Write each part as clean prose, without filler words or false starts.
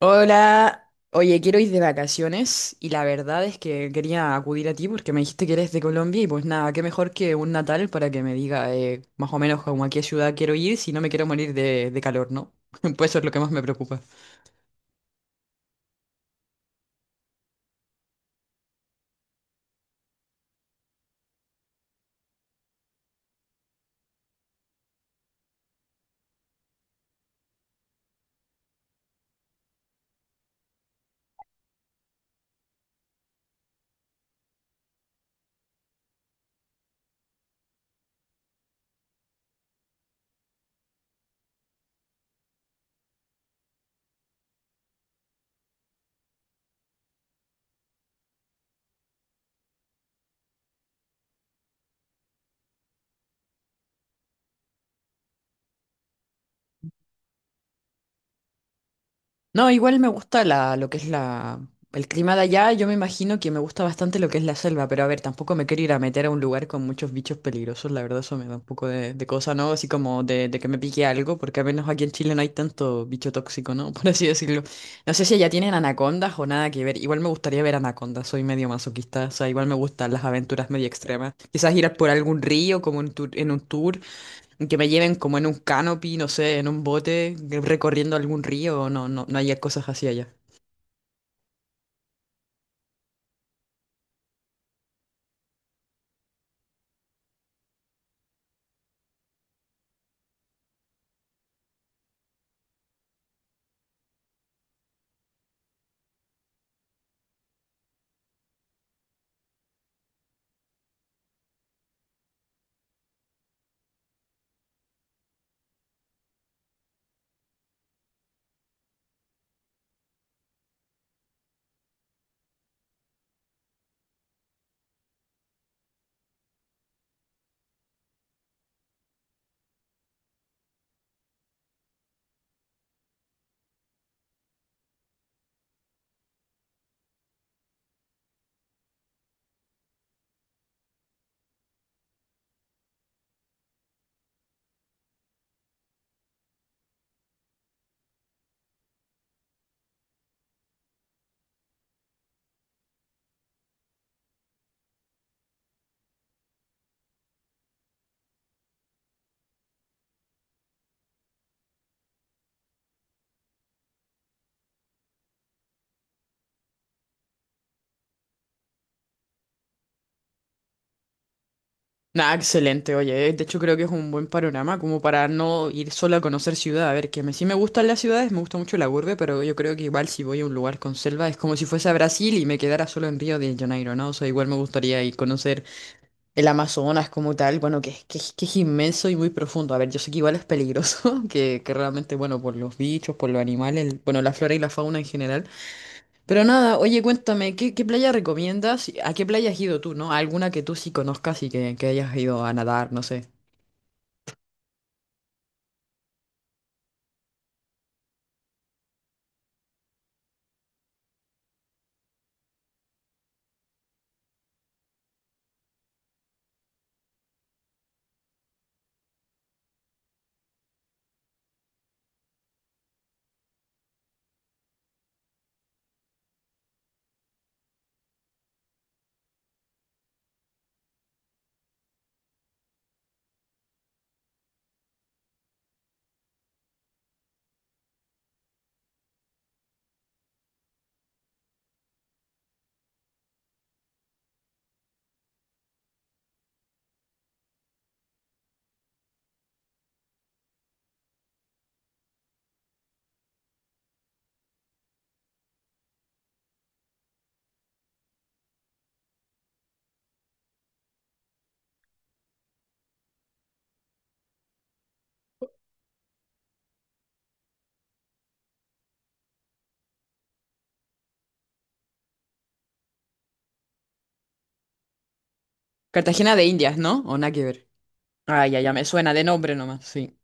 Hola, oye, quiero ir de vacaciones y la verdad es que quería acudir a ti porque me dijiste que eres de Colombia y pues nada, qué mejor que un natal para que me diga más o menos como a qué ciudad quiero ir si no me quiero morir de calor, ¿no? Pues eso es lo que más me preocupa. No, igual me gusta lo que es el clima de allá. Yo me imagino que me gusta bastante lo que es la selva, pero a ver, tampoco me quiero ir a meter a un lugar con muchos bichos peligrosos. La verdad, eso me da un poco de cosa, ¿no? Así como de que me pique algo, porque al menos aquí en Chile no hay tanto bicho tóxico, ¿no? Por así decirlo. No sé si allá tienen anacondas o nada que ver. Igual me gustaría ver anacondas. Soy medio masoquista. O sea, igual me gustan las aventuras medio extremas. Quizás ir a por algún río, como en un tour. Que me lleven como en un canopy, no sé, en un bote, recorriendo algún río, no haya cosas así allá. Nada, excelente, oye. De hecho, creo que es un buen panorama como para no ir solo a conocer ciudad. A ver, sí me gustan las ciudades, me gusta mucho la urbe, pero yo creo que igual si voy a un lugar con selva es como si fuese a Brasil y me quedara solo en Río de Janeiro, ¿no? O sea, igual me gustaría ir conocer el Amazonas como tal, bueno, que es inmenso y muy profundo. A ver, yo sé que igual es peligroso, que realmente, bueno, por los bichos, por los animales, bueno, la flora y la fauna en general. Pero nada, oye, cuéntame, qué playa recomiendas? ¿A qué playa has ido tú, no? ¿Alguna que tú sí conozcas y que hayas ido a nadar, no sé? Cartagena de Indias, ¿no? ¿O nada que ver? Ah, ya me suena de nombre nomás, sí.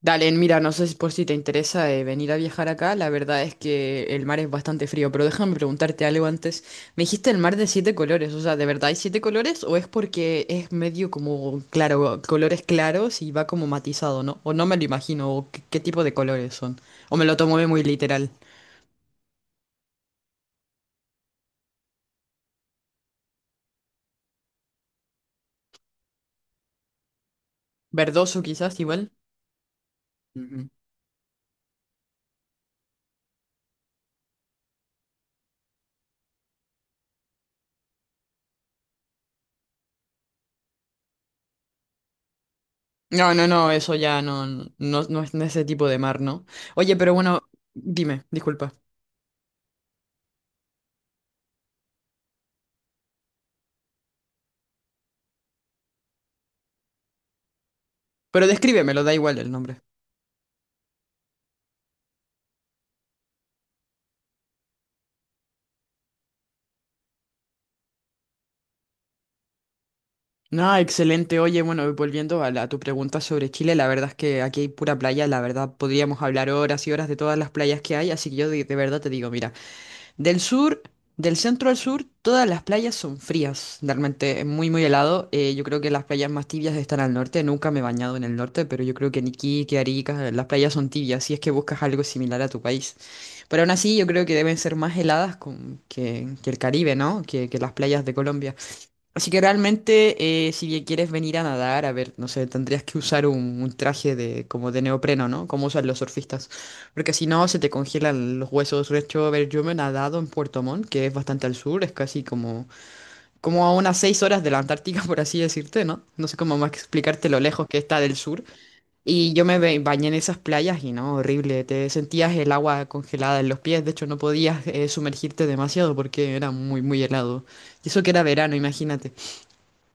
Dale, mira, no sé si por si te interesa venir a viajar acá, la verdad es que el mar es bastante frío, pero déjame preguntarte algo antes. Me dijiste el mar de siete colores, o sea, ¿de verdad hay siete colores o es porque es medio como, claro, colores claros y va como matizado, ¿no? O no me lo imagino, o qué tipo de colores son, o me lo tomo muy literal. Verdoso quizás igual. Ujú. No, eso ya no es no es ese tipo de mar, ¿no? Oye, pero bueno, dime, disculpa. Pero descríbemelo, da igual el nombre. No, excelente. Oye, bueno, volviendo a tu pregunta sobre Chile, la verdad es que aquí hay pura playa, la verdad podríamos hablar horas y horas de todas las playas que hay, así que yo de verdad te digo, mira. Del sur, del centro al sur, todas las playas son frías. Realmente es muy helado. Yo creo que las playas más tibias están al norte. Nunca me he bañado en el norte, pero yo creo que en Iquique, Arica, las playas son tibias, si es que buscas algo similar a tu país. Pero aún así, yo creo que deben ser más heladas que el Caribe, ¿no? Que las playas de Colombia. Así que realmente, si bien quieres venir a nadar, a ver, no sé, tendrías que usar un traje de como de neopreno, ¿no? Como usan los surfistas. Porque si no, se te congelan los huesos. De hecho, a ver, yo me he nadado en Puerto Montt, que es bastante al sur, es casi como, como a unas 6 horas de la Antártica, por así decirte, ¿no? No sé cómo más explicarte lo lejos que está del sur. Y yo me bañé en esas playas y no, horrible. Te sentías el agua congelada en los pies. De hecho, no podías sumergirte demasiado porque era muy helado. Y eso que era verano, imagínate.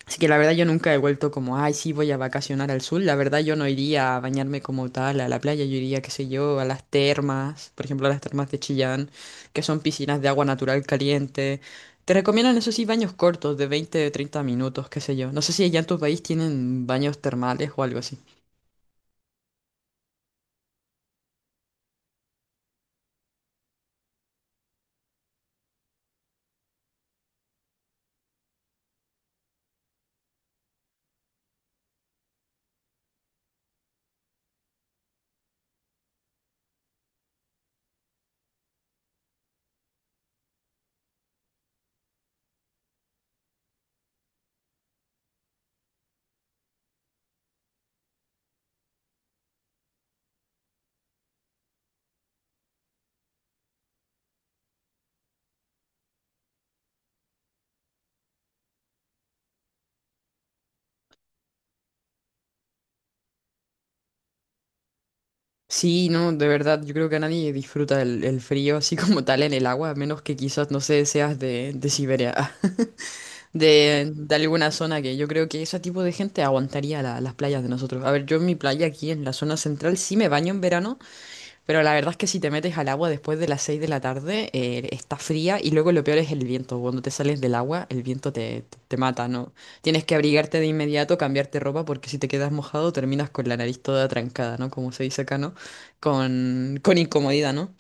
Así que la verdad yo nunca he vuelto como, ay, sí, voy a vacacionar al sur. La verdad yo no iría a bañarme como tal a la playa, yo iría, qué sé yo, a las termas, por ejemplo, a las termas de Chillán, que son piscinas de agua natural caliente. Te recomiendan, eso sí, baños cortos de 20 o 30 minutos, qué sé yo. No sé si allá en tu país tienen baños termales o algo así. Sí, no, de verdad, yo creo que nadie disfruta el frío así como tal en el agua, a menos que quizás, no sé, seas de Siberia. De alguna zona que yo creo que ese tipo de gente aguantaría las playas de nosotros. A ver, yo en mi playa aquí en la zona central sí me baño en verano, pero la verdad es que si te metes al agua después de las 6 de la tarde, está fría y luego lo peor es el viento. Cuando te sales del agua, el viento te mata, ¿no? Tienes que abrigarte de inmediato, cambiarte ropa, porque si te quedas mojado terminas con la nariz toda trancada, ¿no? Como se dice acá, ¿no? Con incomodidad, ¿no?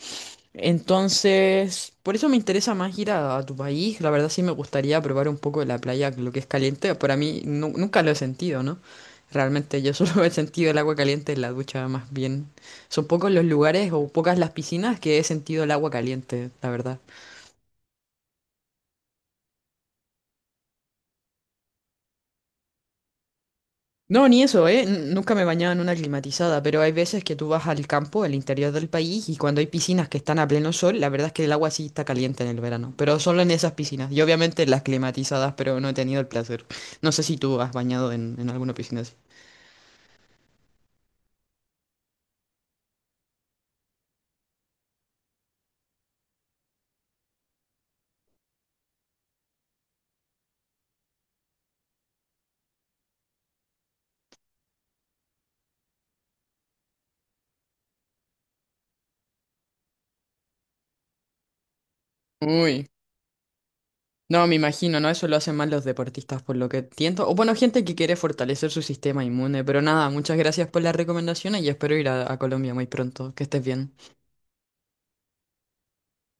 Entonces, por eso me interesa más ir a tu país. La verdad sí me gustaría probar un poco de la playa, lo que es caliente. Para mí nunca lo he sentido, ¿no? Realmente yo solo he sentido el agua caliente en la ducha, más bien. Son pocos los lugares o pocas las piscinas que he sentido el agua caliente, la verdad. No, ni eso, ¿eh? Nunca me bañaba en una climatizada, pero hay veces que tú vas al campo, al interior del país, y cuando hay piscinas que están a pleno sol, la verdad es que el agua sí está caliente en el verano, pero solo en esas piscinas, y obviamente en las climatizadas, pero no he tenido el placer. No sé si tú has bañado en alguna piscina así. Uy, no, me imagino, ¿no? Eso lo hacen más los deportistas, por lo que entiendo. O bueno, gente que quiere fortalecer su sistema inmune, pero nada, muchas gracias por las recomendaciones y espero ir a Colombia muy pronto. Que estés bien.